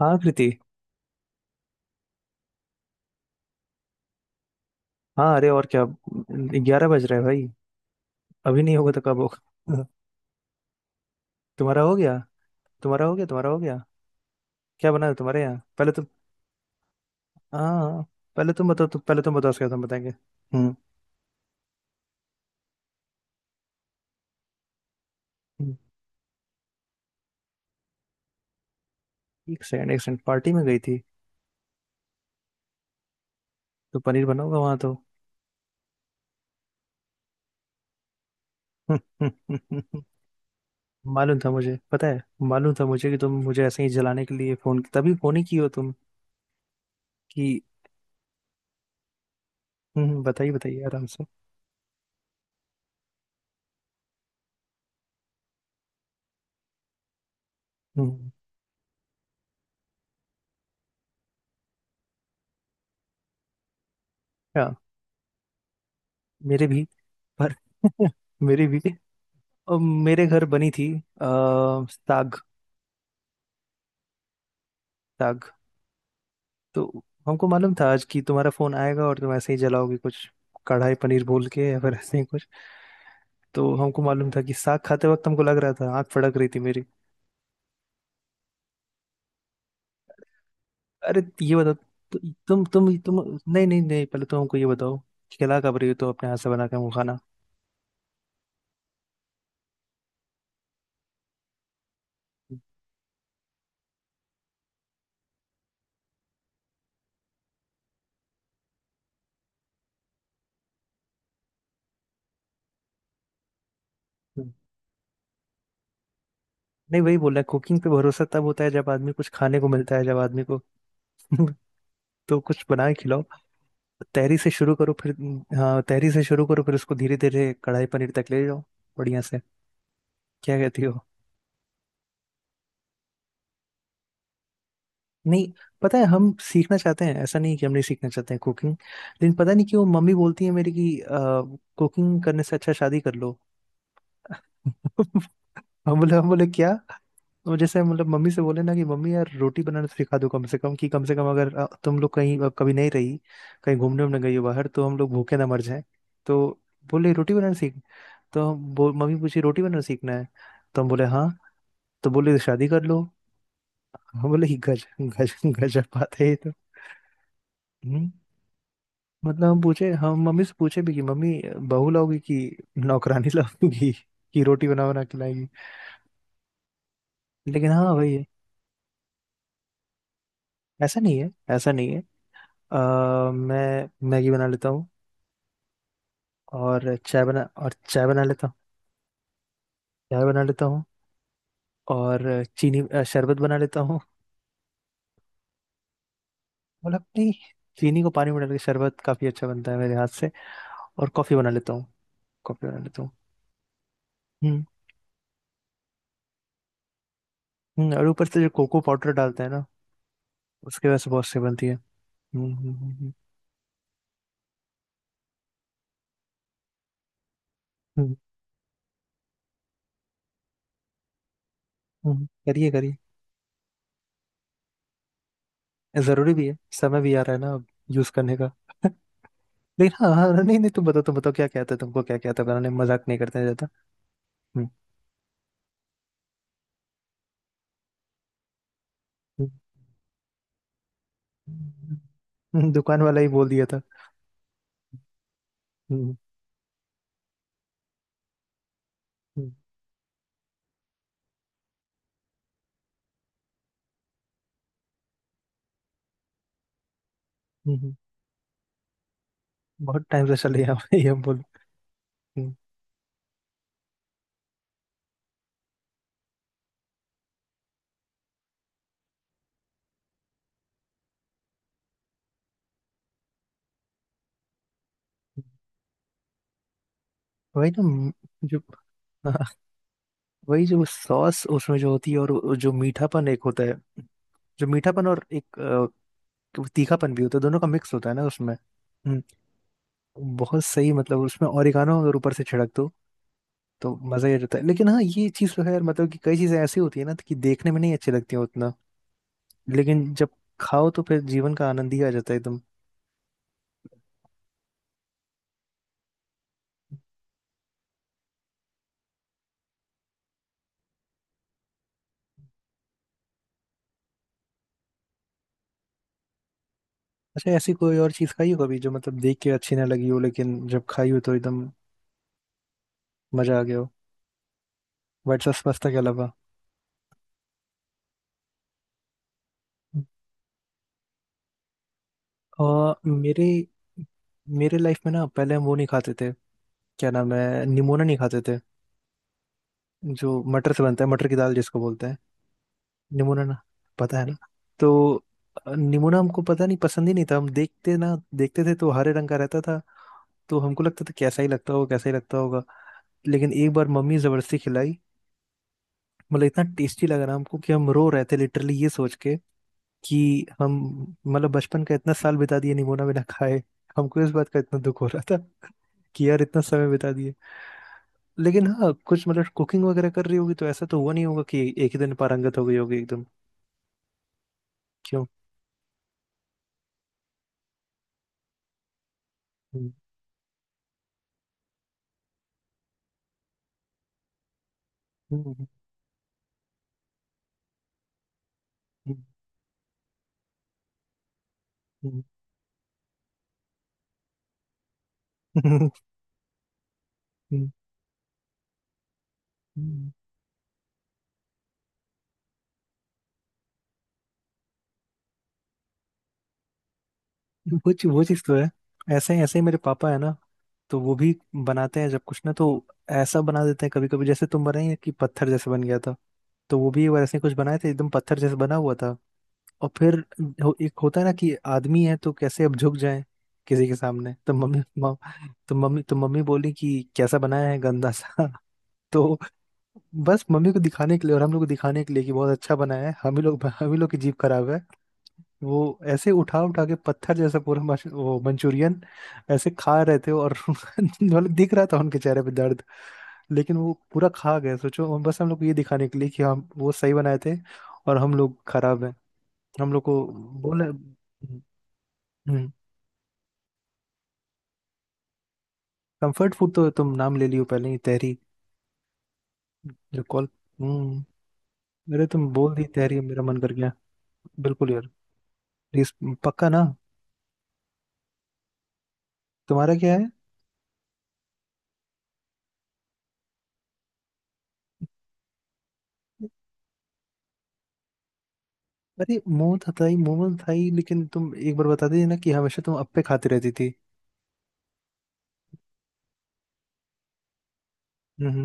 हाँ कृति। हाँ अरे और क्या। 11 बज रहे हैं भाई। अभी नहीं होगा तो कब होगा? तुम्हारा हो गया? तुम्हारा हो गया, तुम्हारा हो गया। क्या बना है तुम्हारे यहाँ? पहले तुम। हाँ हाँ। पहले तुम बताओ, तुम पहले तुम बताओ, उसके बाद हम बताएंगे। हम्म। हम्म, एक सेकंड एक सेकंड, पार्टी में गई थी? तो पनीर बना होगा वहां तो। मालूम था मुझे, पता है। मालूम था मुझे कि तुम मुझे ऐसे ही जलाने के लिए फोन, तभी फोन ही की हो तुम। कि बताइए बताइए आराम से। हम्म। क्या? मेरे भी। पर मेरी भी। मेरे घर बनी थी। आ, साग। साग। तो हमको मालूम था आज कि तुम्हारा फोन आएगा और तुम ऐसे ही जलाओगे कुछ, कढ़ाई पनीर बोल के या फिर ऐसे ही कुछ। तो हमको मालूम था कि साग खाते वक्त हमको लग रहा था आंख फड़क रही थी मेरी। अरे ये बताओ तुम। नहीं नहीं नहीं, पहले तो हमको ये बताओ कि क्या कब रही हो तुम अपने हाथ से बना के हमको खाना? हम्म। नहीं वही बोल रहा, कुकिंग पे भरोसा तब होता है जब आदमी कुछ खाने को मिलता है, जब आदमी को तो कुछ बना के खिलाओ। तहरी से शुरू करो फिर। हाँ तहरी से शुरू करो फिर उसको धीरे धीरे कढ़ाई पनीर तक ले जाओ, बढ़िया से। क्या कहती हो? नहीं, पता है हम सीखना चाहते हैं, ऐसा नहीं कि हम नहीं सीखना चाहते हैं कुकिंग, लेकिन पता नहीं क्यों मम्मी बोलती है मेरी कि कुकिंग करने से अच्छा शादी कर लो। हम बोले क्या, तो जैसे मतलब मम्मी से बोले ना कि मम्मी यार रोटी बनाना सिखा दो कम से कम, कि कम से कम अगर तुम लोग कहीं कभी नहीं रही कहीं घूमने उमने गई हो बाहर तो हम लोग भूखे ना मर जाए। तो बोले रोटी बनाना सीख। तो हम मम्मी पूछी रोटी बनाना सीखना है? तो हम बोले हाँ। तो बोले शादी कर लो। हम बोले गज गज, गजब बात है ये तो। हम्म। मतलब हम पूछे, हम मम्मी से पूछे भी कि मम्मी बहू लाओगी कि नौकरानी लाओगी कि रोटी बना बना खिलाएगी? लेकिन हाँ वही है। ऐसा नहीं है, ऐसा नहीं है। मैं मैगी बना लेता हूँ। और चाय बना, और चाय बना लेता हूँ। चाय बना लेता हूँ। और चीनी शरबत बना लेता हूँ। मतलब नहीं, चीनी को पानी में डाल के शरबत काफी अच्छा बनता है मेरे हाथ से। और कॉफी बना लेता हूँ। कॉफी बना लेता हूँ। हम्म। और ऊपर से जो कोको पाउडर डालते हैं ना, उसके वजह से बहुत से बनती है। हम्म। हम्म। करिए करिए। जरूरी भी है, समय भी आ रहा है ना अब यूज करने का। लेकिन हाँ हाँ, नहीं नहीं, तुम बताओ तुम बताओ क्या क्या आता है तुमको, क्या क्या आता है बनाने में? मजाक नहीं करते हैं ज्यादा। हम्म। हम्म। दुकान वाला ही बोल दिया था। हम्म। हम्म। हम्म। हम्म। बहुत टाइम से चले यहाँ पे ये बोल। हम्म। वही ना जो वही जो सॉस उसमें जो होती है, और वो जो मीठापन एक होता है, जो मीठापन और एक कि वो तीखापन भी होता है, दोनों का मिक्स होता है ना उसमें। हम्म। बहुत सही, मतलब उसमें ओरिगानो अगर ऊपर से छिड़क दो तो मजा ही आ जाता है, लेकिन हाँ ये चीज तो है यार मतलब कि कई चीजें ऐसी होती है ना कि देखने में नहीं अच्छी लगती हैं उतना, लेकिन जब खाओ तो फिर जीवन का आनंद ही आ जाता है एकदम। अच्छा, ऐसी कोई और चीज खाई हो कभी जो मतलब देख के अच्छी ना लगी हो लेकिन जब खाई हो तो एकदम मजा आ गया हो? व्हाइट सॉस पास्ता के अलावा। और मेरे, मेरे लाइफ में ना पहले हम वो नहीं खाते थे, क्या नाम है, निमोना नहीं खाते थे जो मटर से बनता है, मटर की दाल जिसको बोलते हैं निमोना ना, पता है ना? तो निमोना हमको पता नहीं पसंद ही नहीं था। हम देखते ना देखते थे तो हरे रंग का रहता था तो हमको लगता था कैसा ही लगता होगा, कैसा ही लगता होगा। लेकिन एक बार मम्मी जबरदस्ती खिलाई, मतलब इतना टेस्टी लग रहा हमको कि हम रो रहे थे लिटरली ये सोच के कि हम, मतलब बचपन का इतना साल बिता दिए निमोना बिना खाए। हमको इस बात का इतना दुख हो रहा था कि यार इतना समय बिता दिए। लेकिन हाँ कुछ मतलब कुकिंग वगैरह कर रही होगी तो ऐसा तो हुआ नहीं होगा कि एक ही दिन पारंगत हो गई होगी एकदम। क्यों? हम्म। हम्म। हम्म। हम्म। हम्म। वो चीज तो है। ऐसे ही मेरे पापा है ना, तो वो भी बनाते हैं जब कुछ ना, तो ऐसा बना देते हैं कभी कभी, जैसे तुम बनाए कि पत्थर जैसे बन गया था। तो वो भी एक बार ऐसे कुछ बनाए थे एकदम पत्थर जैसे बना हुआ था, और फिर एक होता है ना कि आदमी है तो कैसे अब झुक जाए किसी के सामने, तो मम्मी तो मम्मी, तो मम्मी बोली कि कैसा बनाया है गंदा सा। तो बस मम्मी को दिखाने के लिए और हम लोग को दिखाने के लिए कि बहुत अच्छा बनाया है, हम ही लोग, हम ही लोग की जीभ खराब है। वो ऐसे उठा उठा के पत्थर जैसा पूरा वो मंचूरियन ऐसे खा रहे थे, और मतलब दिख रहा था उनके चेहरे पे दर्द, लेकिन वो पूरा खा गए सोचो, और बस हम लोग को ये दिखाने के लिए कि हम वो सही बनाए थे और हम लोग खराब हैं। हम लोग को बोले। कंफर्ट फूड तो तुम नाम ले लियो पहले ही, तहरी। जो कॉल। हम्म। अरे तुम बोल दी तहरी, मेरा मन कर गया। बिल्कुल यार, प्लीज। पक्का ना? तुम्हारा क्या है? अरे मोमो था ही मोमो, था ही, लेकिन तुम एक बार बता दीजिए ना कि हमेशा तुम अप्पे खाती रहती थी। हम्म।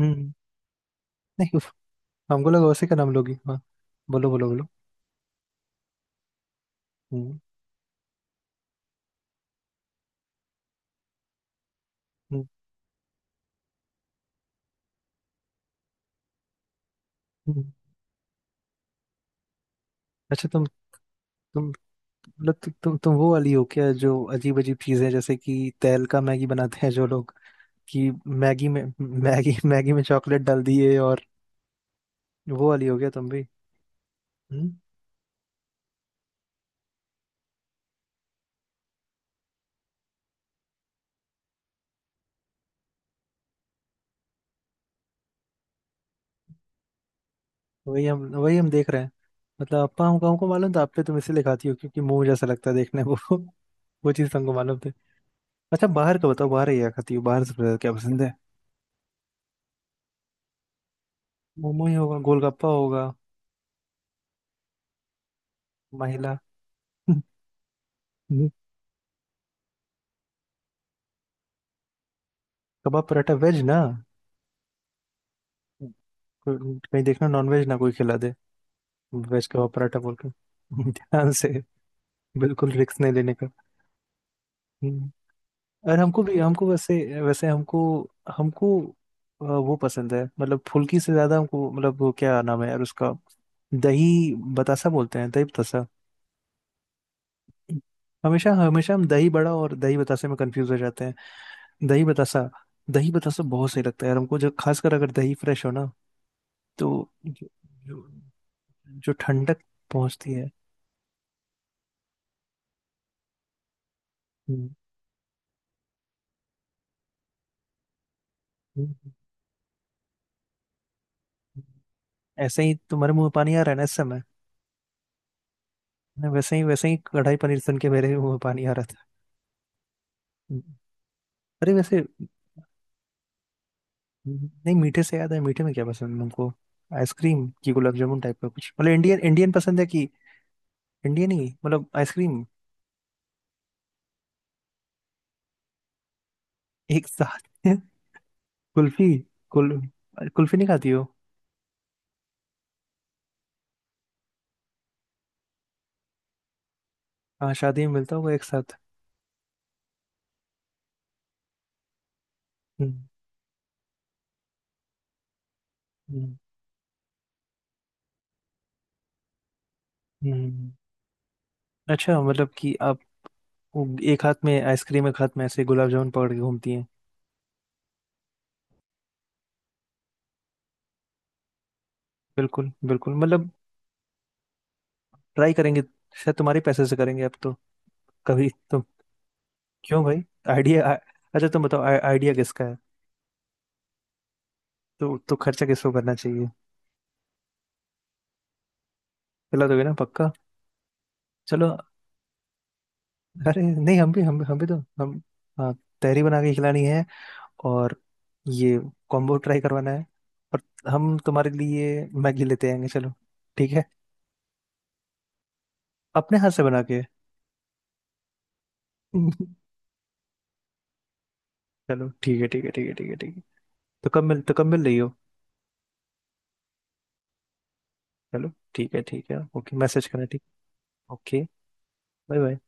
हम्म। हम्म। नहीं, हमको लगा उसी का नाम लोगी हाँ। बोलो बोलो बोलो। हम्म। हम्म। हम्म। अच्छा तुम मतलब तुम वो वाली हो क्या जो अजीब अजीब चीजें जैसे कि तेल का मैगी बनाते हैं जो लोग, कि मैगी में, मैगी, मैगी में चॉकलेट डाल दिए और वो वाली हो गया तुम भी? हम्म। वही हम देख रहे हैं। मतलब अप्पा, हमको हमको मालूम था अप्पे तुम इसीलिए खाती हो क्योंकि मुंह जैसा लगता है देखने को। वो चीज हमको मालूम थी। अच्छा, बाहर का बताओ, बाहर क्या खाती हो, बाहर सबसे ज्यादा क्या पसंद है? मोमो ही होगा, गोलगप्पा होगा। महिला। कबाब पराठा, वेज ना? कोई- कहीं देखना नॉन वेज ना कोई खिला दे वेज कबाब पराठा बोल के। ध्यान से। बिल्कुल रिस्क नहीं लेने का। हम्म। और हमको भी, हमको वैसे वैसे हमको, हमको वो पसंद है, मतलब फुल्की से ज्यादा हमको, मतलब वो क्या नाम है यार उसका, दही बतासा बोलते हैं, दही बतासा। हमेशा हमेशा हम दही बड़ा और दही बतासे में कंफ्यूज हो जाते हैं। दही बतासा। दही बतासा बहुत सही लगता है यार हमको, जब खासकर अगर दही फ्रेश हो ना, तो जो, जो, जो ठंडक पहुंचती है। हम्म। हम्म। हम्म। हम्म। ऐसे ही तुम्हारे मुंह में पानी आ रहा है ना इस समय? नहीं, वैसे ही कढ़ाई पनीर सुन के मेरे भी मुंह में पानी आ रहा था। हम्म। अरे वैसे, नहीं मीठे से याद है मीठे में क्या पसंद है हमको, आइसक्रीम की गुलाब जामुन टाइप का कुछ मतलब, इंडियन इंडियन पसंद है कि, इंडियन ही मतलब आइसक्रीम। एक साथ। कुल्फी। कुल कुल्फी नहीं खाती हो? हाँ शादी में मिलता होगा एक साथ। हम्म। हम्म। हम्म। अच्छा मतलब कि आप वो एक हाथ में आइसक्रीम एक हाथ में ऐसे गुलाब जामुन पकड़ के घूमती हैं। बिल्कुल बिल्कुल मतलब ट्राई करेंगे, शायद तुम्हारे पैसे से करेंगे अब तो। कभी तो। क्यों भाई? आइडिया। अच्छा तुम बताओ आइडिया किसका है? तो खर्चा किसको करना चाहिए? खिला दोगे ना पक्का? चलो। अरे नहीं हम भी हम भी हम भी तो हम, हाँ, तहरी बना के खिलानी है, और ये कॉम्बो ट्राई करवाना है, और हम तुम्हारे लिए मैगी लेते आएंगे। चलो ठीक है। अपने हाथ से बना के। चलो ठीक है ठीक है ठीक है ठीक है ठीक है। तो कब मिल, तो कब मिल रही हो? चलो ठीक है ठीक है। ओके मैसेज करना, ठीक। ओके। Bye bye.